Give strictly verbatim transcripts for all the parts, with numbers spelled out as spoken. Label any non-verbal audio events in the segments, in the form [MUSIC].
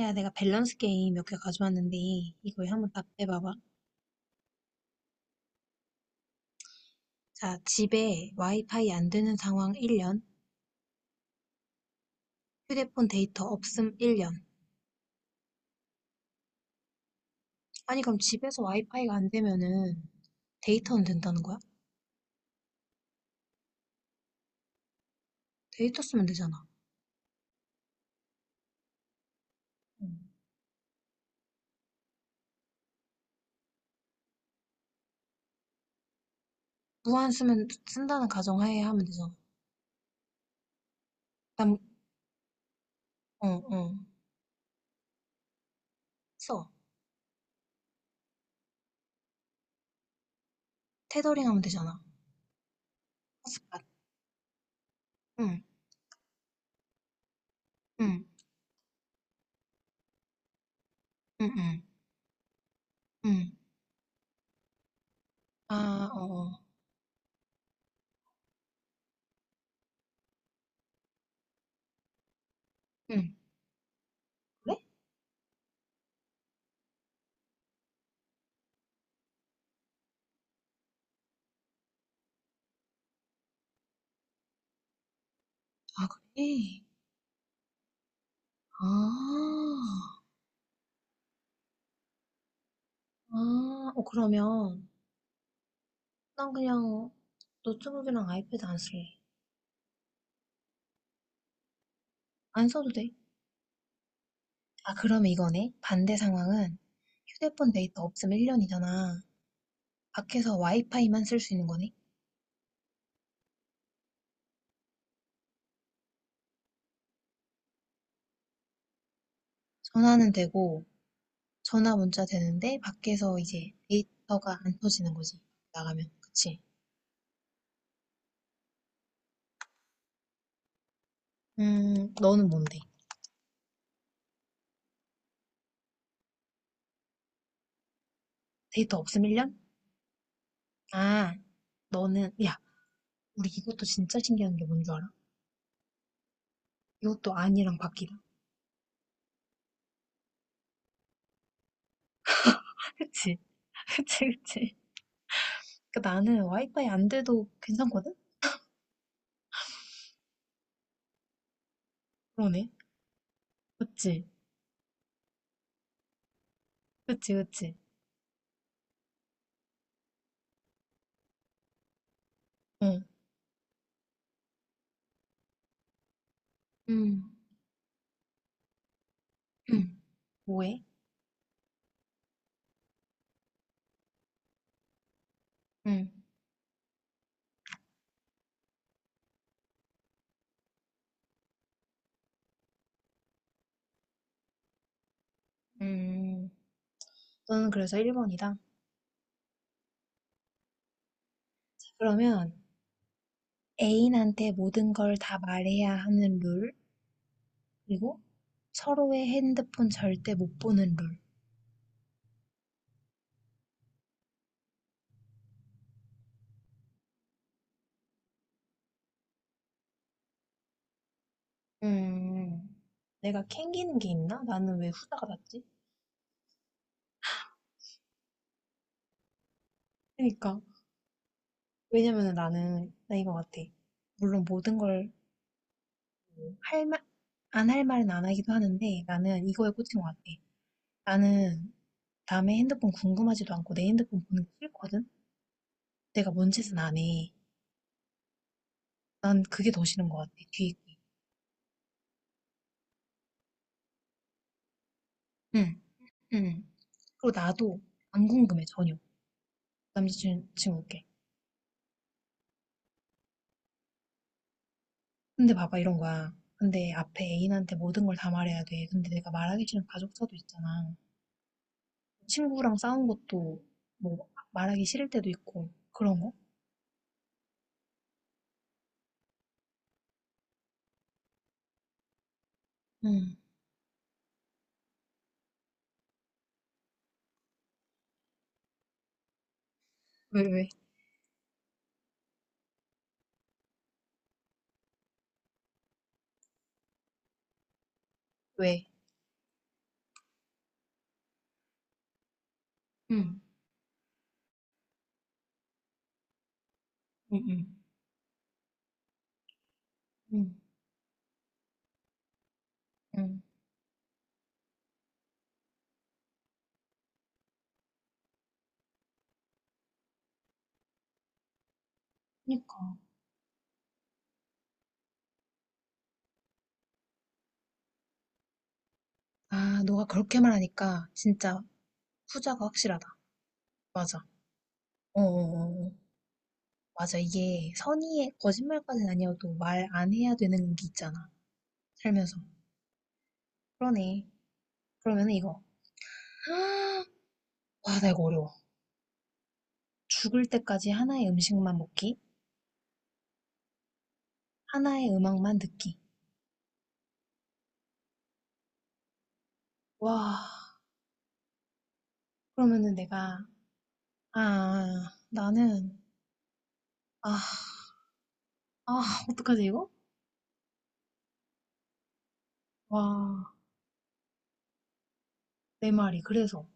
야, 내가 밸런스 게임 몇 개 가져왔는데, 이거 한번 답해봐봐. 자, 집에 와이파이 안 되는 상황 일 년, 휴대폰 데이터 없음 일 년. 아니, 그럼 집에서 와이파이가 안 되면은 데이터는 된다는 거야? 데이터 쓰면 되잖아. 응. 무한 쓰면, 쓴다는 가정하에 하면 되잖아. 난, 어, 어, 써. 테더링 하면 되잖아. 핫스팟. 응, 응, 응, 응, 응. 아, 어, 어. 응. 그래? 아, 그래? 아. 아, 어, 그러면 난 그냥 노트북이랑 아이패드 안 쓸래. 안 써도 돼. 아, 그러면 이거네. 반대 상황은 휴대폰 데이터 없으면 일 년이잖아. 밖에서 와이파이만 쓸 수 있는 거네. 전화는 되고, 전화 문자 되는데, 밖에서 이제 데이터가 안 터지는 거지. 나가면. 그치? 음, 너는 뭔데? 데이터 없으면 일 년? 아, 너는, 야, 우리 이것도 진짜 신기한 게 뭔 줄 알아? 이것도 아니랑 바뀌다. [LAUGHS] 그치? [LAUGHS] 그치, 그치. 그 나는 와이파이 안 돼도 괜찮거든? 그러네. 그치? 그치, 그치. 응. 음, 음, 뭐해? 음, 음. 너는 그래서 일 번이다. 그러면 애인한테 모든 걸 다 말해야 하는 룰, 그리고 서로의 핸드폰 절대 못 보는 룰. 음. 내가 캥기는 게 있나? 나는 왜 후자가 났지? 그러니까. 왜냐면 나는, 나 이거 같아. 물론 모든 걸 할 말, 안 할 말은 안 하기도 하는데 나는 이거에 꽂힌 것 같아. 나는 남의 핸드폰 궁금하지도 않고 내 핸드폰 보는 게 싫거든? 내가 뭔 짓은 안 해. 난 그게 더 싫은 것 같아, 뒤에 게. 응, 응. 그리고 나도 안 궁금해, 전혀. 남자친구께. 근데 봐봐, 이런 거야. 근데 앞에 애인한테 모든 걸 다 말해야 돼. 근데 내가 말하기 싫은 가족사도 있잖아. 친구랑 싸운 것도 뭐 말하기 싫을 때도 있고, 그런 거? 응. 왜, 왜? 왜? 응, 응, 응. 응, 응. 그니까. 아, 너가 그렇게 말하니까 진짜 후자가 확실하다. 맞아. 어어어. 맞아. 이게 선의의 거짓말까지는 아니어도 말 안 해야 되는 게 있잖아. 살면서. 그러네. 그러면 이거. [GASPS] 와, 나 이거 어려워. 죽을 때까지 하나의 음식만 먹기, 하나의 음악만 듣기. 와, 그러면은 내가, 아, 나는, 아, 아, 어떡하지 이거? 와, 내 말이 그래서.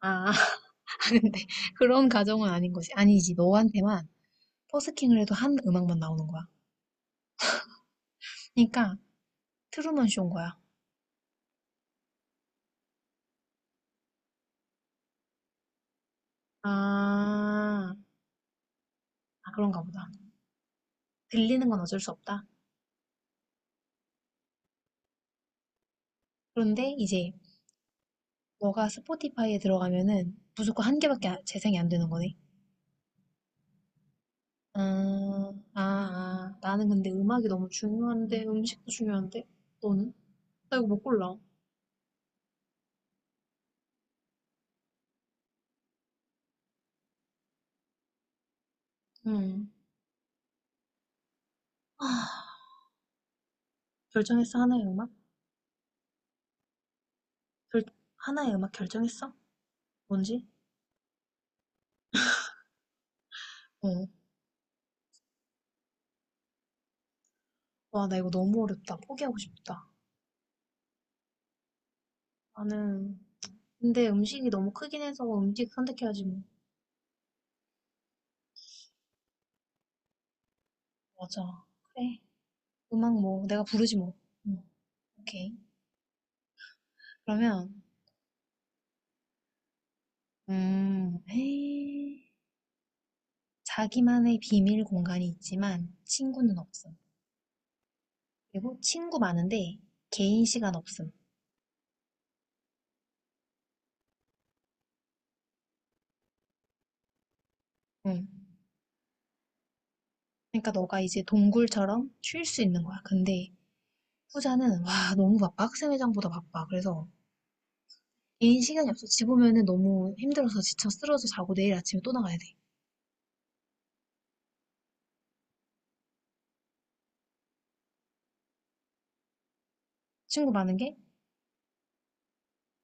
아, [LAUGHS] 근데 그런 가정은 아닌 것이 아니지. 너한테만 버스킹을 해도 한 음악만 나오는 거야. 그러니까 트루먼 쇼인 거야. 아, 아, 그런가 보다. 들리는 건 어쩔 수 없다. 그런데 이제 너가 스포티파이에 들어가면은 무조건 한 개밖에 아- 재생이 안 되는 거네. 아, 아, 아. 나는 근데 음악이 너무 중요한데 음식도 중요한데 너는? 나 이거 못 골라. 음. 아, 결정했어 하나의 음악? 결, 하나의 음악 결정했어? 뭔지? 어, 와, 나 이거 너무 어렵다. 포기하고 싶다. 나는, 근데 음식이 너무 크긴 해서 음식 선택해야지 뭐. 맞아. 그래. 음악 뭐, 내가 부르지 뭐. 응, 오케이. 그러면, 음, 에이. 자기만의 비밀 공간이 있지만 친구는 없음. 그리고 친구 많은데 개인 시간 없음. 응. 그러니까 너가 이제 동굴처럼 쉴 수 있는 거야. 근데 후자는, 와, 너무 바빠. 학생회장보다 바빠. 그래서 개인 시간이 없어. 집 오면은 너무 힘들어서 지쳐 쓰러져 자고 내일 아침에 또 나가야 돼. 친구 많은 게?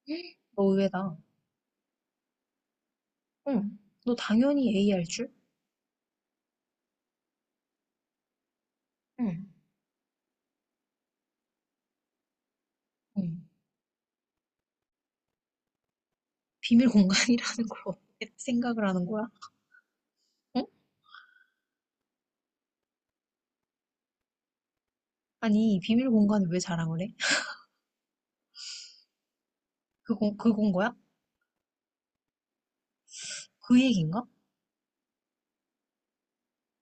헉, 너 의외다. 응. 너 당연히 A 할 줄? 응. 응. 비밀 공간이라는 걸 어떻게 [LAUGHS] 생각을 하는 거야? 응? 아니, 비밀 공간을 왜 자랑을 해? 그, 공, 그건 거야? 그 얘기인가?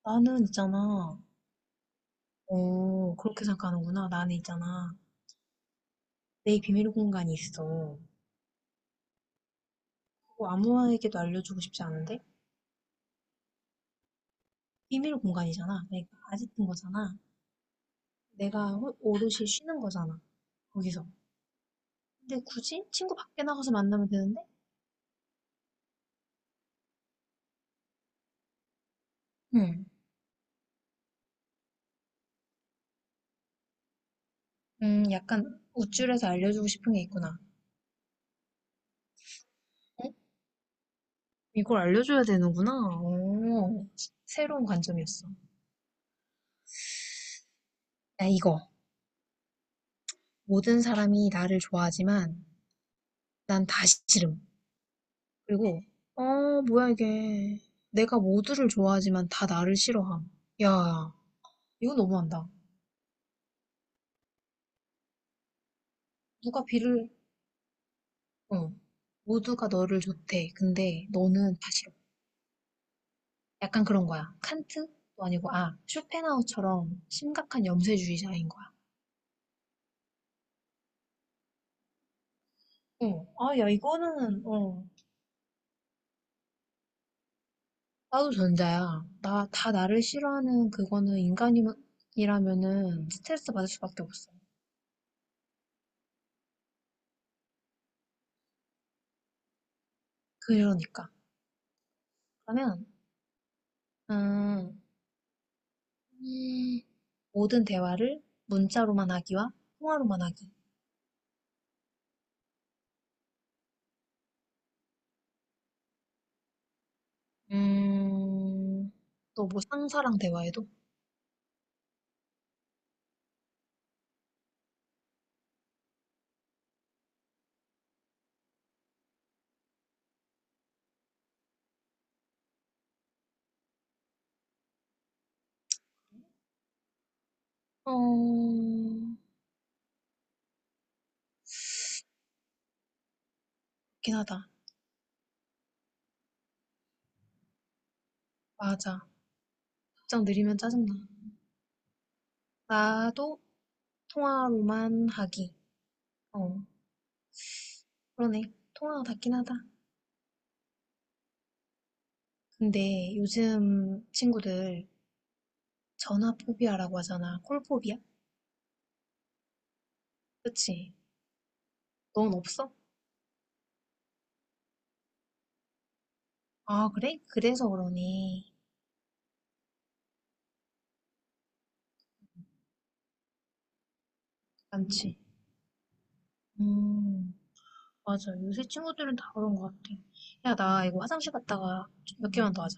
나는 있잖아. 어, 그렇게 생각하는구나. 나는 있잖아. 내 비밀 공간이 있어. 그거 아무에게도 알려주고 싶지 않은데? 비밀 공간이잖아. 내가 아직은 거잖아. 내가 오- 오롯이 쉬는 거잖아. 거기서. 근데 굳이 친구 밖에 나가서 만나면 되는데? 응. 음, 약간 우쭐해서 알려주고 싶은 게 있구나. 응? 이걸 알려줘야 되는구나. 오, 새로운 관점이었어. 야, 이거. 모든 사람이 나를 좋아하지만 난 다 싫음. 그리고, 어, 뭐야 이게. 내가 모두를 좋아하지만 다 나를 싫어함. 야, 이거 너무한다. 누가 비를, 어, 모두가 너를 좋대. 근데 너는 다 싫어. 약간 그런 거야. 칸트도 아니고, 아, 쇼펜하우처럼 심각한 염세주의자인 거야. 어, 아, 야, 이거는, 어, 나도 전자야. 나, 다 나를 싫어하는 그거는 인간이라면은 스트레스 받을 수밖에 없어. 그러니까. 그러면, 음, 음, 모든 대화를 문자로만 하기와 통화로만 하기. 음, 또 뭐 상사랑 대화해도? 어, 그렇긴 하다. 맞아. 답장 느리면 짜증나. 나도 통화로만 하기. 어, 그러네. 통화가 닿긴 하다. 근데 요즘 친구들 전화 포비아라고 하잖아. 콜 포비아? 그치? 넌 없어? 아, 그래? 그래서 그러니. 많지. 음, 맞아. 요새 친구들은 다 그런 것 같아. 야, 나 이거 화장실 갔다가 몇 개만 더 하자.